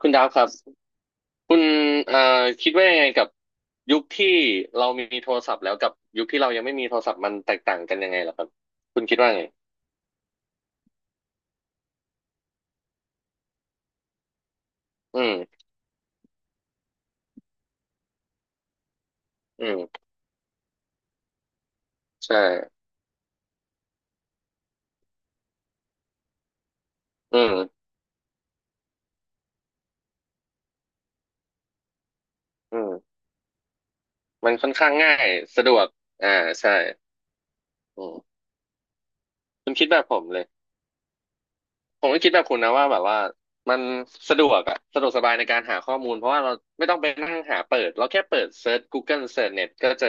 คุณดาวครับคุณเอ่อคิดว่ายังไงกับยุคที่เรามีโทรศัพท์แล้วกับยุคที่เรายังไม่มีโทรศัพท์มันแตกต่างกันยังไงล่ะครับคุณคิดว่าไงอืมอืมใช่อืมอืมมันค่อนข้างง่ายสะดวกอ่าใช่อืมคุณคิดแบบผมเลยผมก็คิดแบบคุณนะว่าแบบว่ามันสะดวกอะสะดวกสบายในการหาข้อมูลเพราะว่าเราไม่ต้องไปนั่งหาเปิดเราแค่เปิดเซิร์ช Google เซิร์ชเน็ตก็เจอ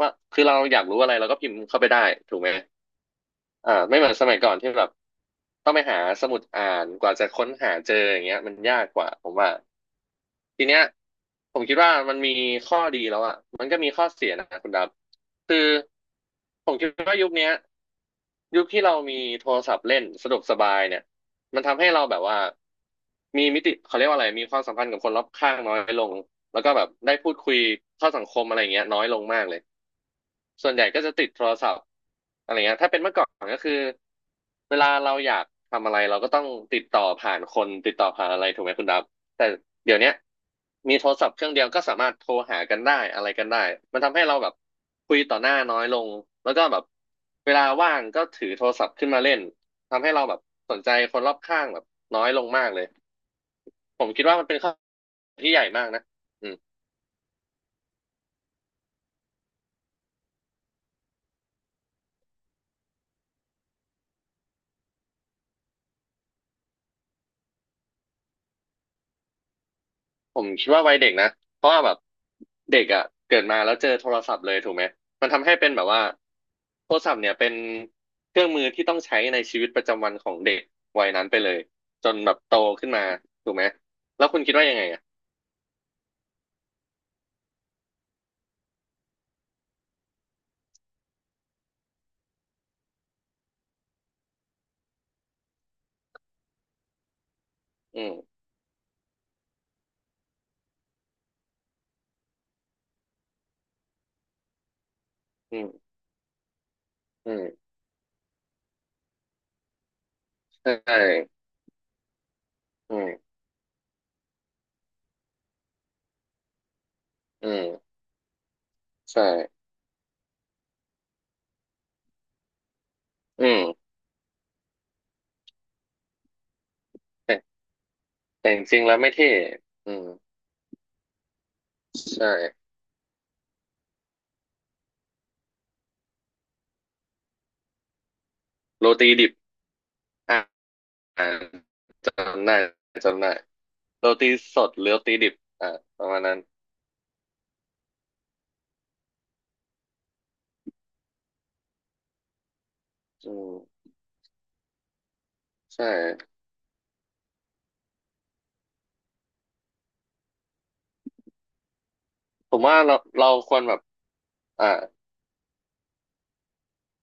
ว่าคือเราอยากรู้อะไรเราก็พิมพ์เข้าไปได้ถูกไหม อ่าไม่เหมือนสมัยก่อนที่แบบต้องไปหาสมุดอ่านกว่าจะค้นหาเจออย่างเงี้ยมันยากกว่าผมว่าทีเนี้ยผมคิดว่ามันมีข้อดีแล้วอ่ะมันก็มีข้อเสียนะคุณดับคือผมคิดว่ายุคเนี้ย ยุคที่เรามีโทรศัพท์เล่นสะดวกสบายเนี่ยมันทำให้เราแบบว่ามีมิติเขาเรียกว่าอะไรมีความสัมพันธ์กับคนรอบข้างน้อยลงแล้วก็แบบได้พูดคุยเข้าสังคมอะไรอย่างเงี้ยน้อยลงมากเลยส่วนใหญ่ก็จะติดโทรศัพท์อะไรเงี้ยถ้าเป็นเมื่อก่อนก็คือเวลาเราอยากทำอะไรเราก็ต้องติดต่อผ่านคนติดต่อผ่านอะไรถูกไหมคุณดับ แต่เดี๋ยวเนี้ยมีโทรศัพท์เครื่องเดียวก็สามารถโทรหากันได้อะไรกันได้ มันทำให้เราแบบคุยต่อหน้าน้อยลง แล้วก็แบบเวลาว่างก็ถือโทรศัพท์ขึ้นมาเล่นทำให้เราแบบสนใจคนรอบข้างแบบน้อยลงมากเลย ผมคิดว่ามันเป็นข้อที่ใหญ่มากนะอืม ผมคิดว่าวัยเด็กนะเพราะว่าแบบเด็กอ่ะเกิดมาแล้วเจอโทรศัพท์เลยถูกไหมมันทำให้เป็นแบบว่าโทรศัพท์เนี่ยเป็นเครื่องมือที่ต้องใช้ในชีวิตประจำวันของเด็กวัยนั้นไปเลยจนแบบโตขึ้นมาถูกไหมแล้วคุณคิดว่ายังไงอ่ะอืมอืมอืมใช่อืมอืมใช่อืมแต่แต่จริงๆแล้วไม่เท่อืมใช่โรตีดิบอ่าจำได้จำได้โรตีสดหรือโรตีดิบอ่าประมาณนั้นอืม ใช่ผมว่าเราควรแบบอ่า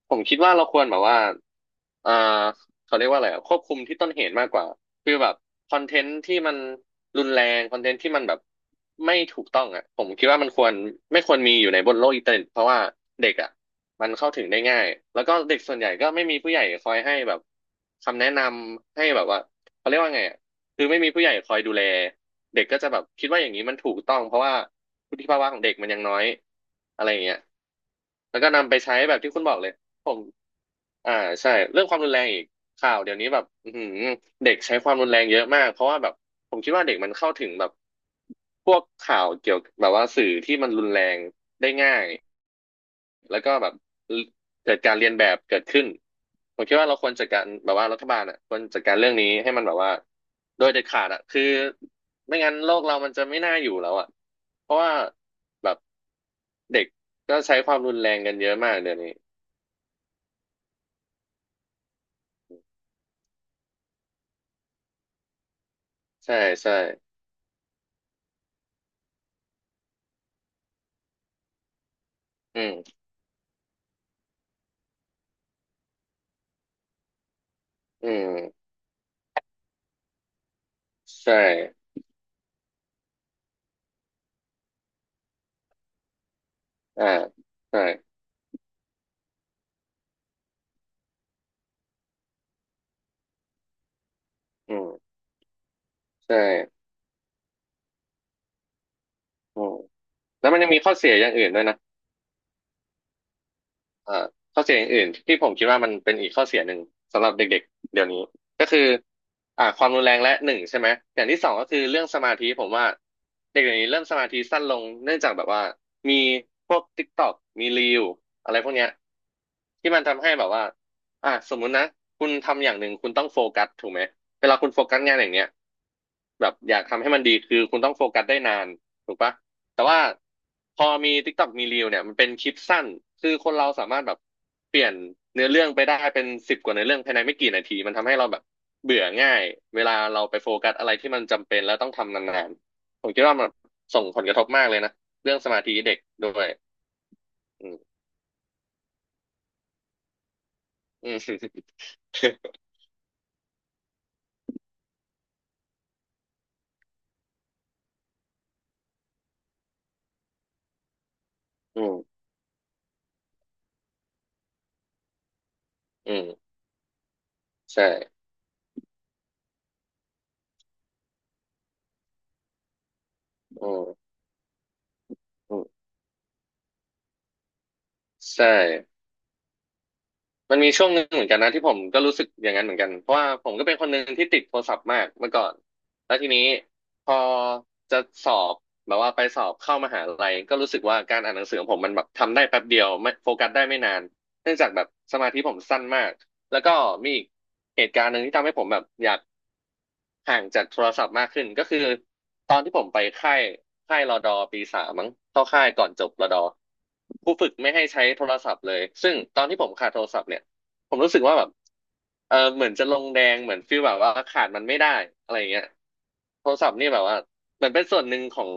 ผมคิดว่าเราควรแบบว่าเอ่อเขาเรียกว่าอะไรอะควบคุมที่ต้นเหตุมากกว่าคือแบบคอนเทนต์ที่มันรุนแรงคอนเทนต์ที่มันแบบไม่ถูกต้องอ่ะผมคิดว่ามันควรไม่ควรมีอยู่ในบนโลกอินเทอร์เน็ตเพราะว่าเด็กอ่ะมันเข้าถึงได้ง่ายแล้วก็เด็กส่วนใหญ่ก็ไม่มีผู้ใหญ่คอยให้แบบคำแนะนำให้แบบว่าเขาเรียกว่าไงอ่ะคือไม่มีผู้ใหญ่คอยดูแลเด็กก็จะแบบคิดว่าอย่างนี้มันถูกต้องเพราะว่าวุฒิภาวะของเด็กมันยังน้อยอะไรอย่างเงี้ยแล้วก็นำไปใช้แบบที่คุณบอกเลย ผมอ่าใช่เรื่องความรุนแรงอีกข่าวเดี๋ยวนี้แบบอือหือเด็กใช้ความรุนแรงเยอะมากเพราะว่าแบบผมคิดว่าเด็กมันเข้าถึงแบบพวกข่าวเกี่ยวกับแบบว่าสื่อที่มันรุนแรงได้ง่ายแล้วก็แบบเกิดการเรียนแบบเกิดขึ้นผมคิดว่าเราควรจัดการแบบว่ารัฐบาลอ่ะควรจัดการเรื่องนี้ให้มันแบบว่าโดยเด็ดขาดอ่ะคือไม่งั้นโลกเรามันจะไม่น่าอยู่แล้วอ่ะเพราะว่าแบบเด็กก็ใช้ความรุนแรงกันเยอะมากเดี๋ยวนี้ใช่ใช่อืม อืมใช่อ่าใช่อืมใช่อืมแล้วมันยังมีข้อเสียอย่างอื่นด้วยนะ เอ่อข้อเสียอื่นๆที่ผมคิดว่ามันเป็นอีกข้อเสียหนึ่งสำหรับเด็กๆเดี๋ยวนี้ก็คืออ่าความรุนแรงและหนึ่งใช่ไหมอย่างที่สองก็คือเรื่องสมาธิผมว่าเด็กเดี๋ยวนี้เริ่มสมาธิสั้นลงเนื่องจากแบบว่ามีพวก TikTok มี Reel อะไรพวกเนี้ยที่มันทำให้แบบว่าอ่าสมมุตินะคุณทำอย่างหนึ่งคุณต้องโฟกัสถูกไหมเวลาคุณโฟกัสงานอย่างเนี้ยแบบอยากทำให้มันดีคือคุณต้องโฟกัสได้นานถูกปะ แต่ว่าพอมี TikTok มี Reel เนี่ยมันเป็นคลิปสั้นคือคนเราสามารถแบบเปลี่ยนเนื้อเรื่องไปได้เป็นสิบกว่าเนื้อเรื่องภายในไม่กี่นาทีมันทำให้เราแบบเบื่อง่ายเวลาเราไปโฟกัสอะไรที่มันจำเป็นแล้วต้องทำนานๆผมคิดว่ามันส่งผลกระทบมากเลยนะเรื่องสมาธิเด็กด้วยอืมอืม อืมอืมใช่อืมอืมใช่ มันมีช่วงหนึ่งเหมือนกันนะที่ผมก็รู้สึกอย่างนั้นเหมือนกันเพราะว่าผมก็เป็นคนหนึ่งที่ติดโทรศัพท์มากเมื่อก่อนแล้วทีนี้พอจะสอบแบบว่าไปสอบเข้ามหาลัยก็รู้สึกว่าการอ่านหนังสือของผมมันแบบทำได้แป๊บเดียวไม่โฟกัสได้ไม่นานเนื่องจากแบบสมาธิผมสั้นมากแล้วก็มีอีกเหตุการณ์หนึ่งที่ทำให้ผมแบบอยาก ห่างจากโทรศัพท์มากขึ้นก็คือตอนที่ผมไปค่ายค่ายรดอปีสามมั้งเข้าค่ายก่อนจบรดอผู้ฝึกไม่ให้ใช้โทรศัพท์เลยซึ่งตอนที่ผมขาดโทรศัพท์เนี่ยผมรู้สึกว่าแบบเออเหมือนจะลงแดงเหมือนฟีลแบบว่าขาดมันไม่ได้อะไรอย่างเงี้ยโทรศัพท์นี่แบบว่าเหมือนเป็นส่วนหนึ่งของ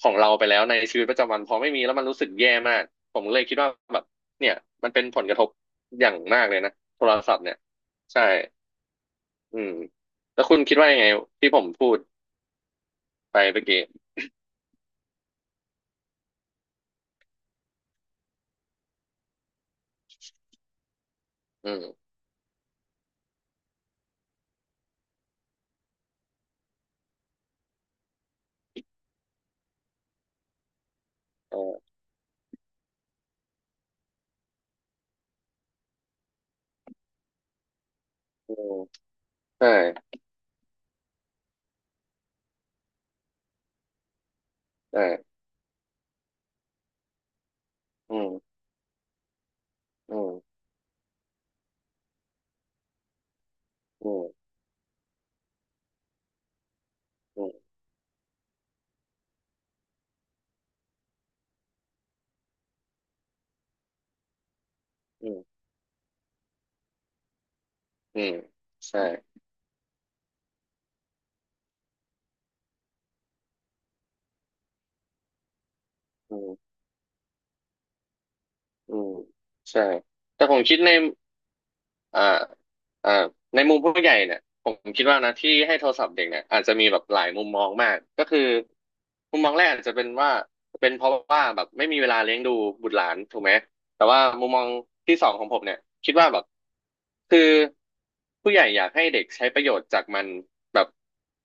ของเราไปแล้วในชีวิตประจำวันพอไม่มีแล้วมันรู้สึกแย่มากผมเลยคิดว่าแบบเนี่ยมันเป็นผลกระทบอย่างมากเลยนะโทรศัพท์เนี่ยใช่ อืมแล้วคุณคิดว่ายังไงที่ผมพูดไปเมื่อกี้อืมเอออืมใช่ใช่อืมอืมอืมอืมอืมอืมใช่อืมอืมใช่แต่ผมคิดใน อ่าอ่าในมุมผู้ใหญ่เนี่ยผมคิดว่านะที่ให้โทรศัพท์เด็กเนี่ยอาจจะมีแบบหลายมุมมองมากก็คือมุมมองแรกอาจจะเป็นว่าเป็นเพราะว่าแบบไม่มีเวลาเลี้ยงดูบุตรหลานถูกไหมแต่ว่ามุมมองที่สองของผมเนี่ยคิดว่าแบบคือผู้ใหญ่อยากให้เด็กใช้ประโยชน์จากมันแบบ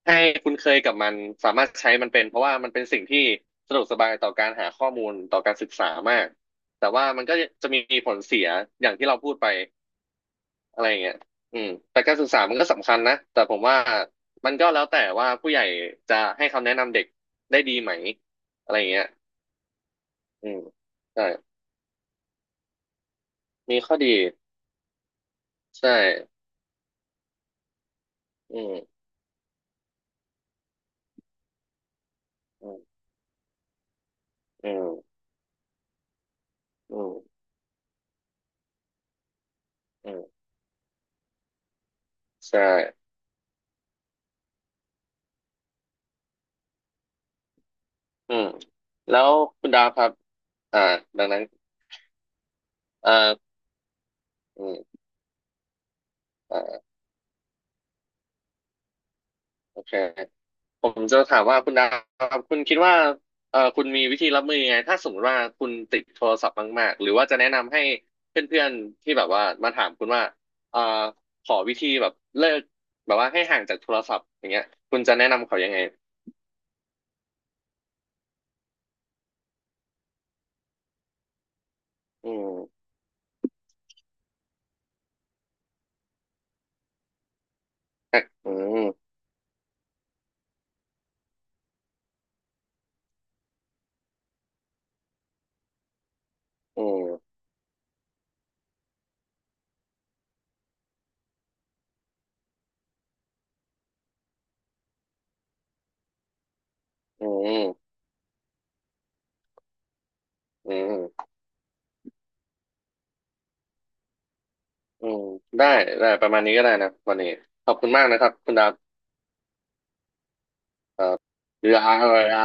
ให้คุ้นเคยกับมันสามารถใช้มันเป็นเพราะว่ามันเป็นสิ่งที่สะดวกสบายต่อการหาข้อมูลต่อการศึกษามากแต่ว่ามันก็จะมีผลเสียอย่างที่เราพูดไป อะไรอย่างเงี้ยอืมแต่การศึกษามันก็สำคัญนะ แต่ผมว่ามันก็แล้วแต่ว่าผู้ใหญ่จะให้คำแนะนำเด็กได้ดีไหม อะไรอย่างเงี้ยอืมใช่มีข้อดี ใช่อืมอืมอืมอืมอืมใช่อืมแล้วคุณดาวครับอ่าดังนั้นอ่าอืมอ่าโอเค ผมจะถามว่าคุณดาวครับคุณคิดว่าคุณมีวิธีรับมือยังไงถ้าสมมติว่าคุณติดโทรศัพท์มากๆหรือว่าจะแนะนำให้เพื่อนๆที่แบบว่ามาถามคุณว่าเอ่อขอวิธีแบบเลิกแบบว่าให้ห่างจากโทรศัพท์อย่างเงี้ยคุณจะแนะนำเขายังไงอืมอืมอืมอืมอืมอืมได้ได้ประมาณนี้ก็ได้นะวันนี้ขอบคุณมากนะครับคุณดาวครับเอ่อ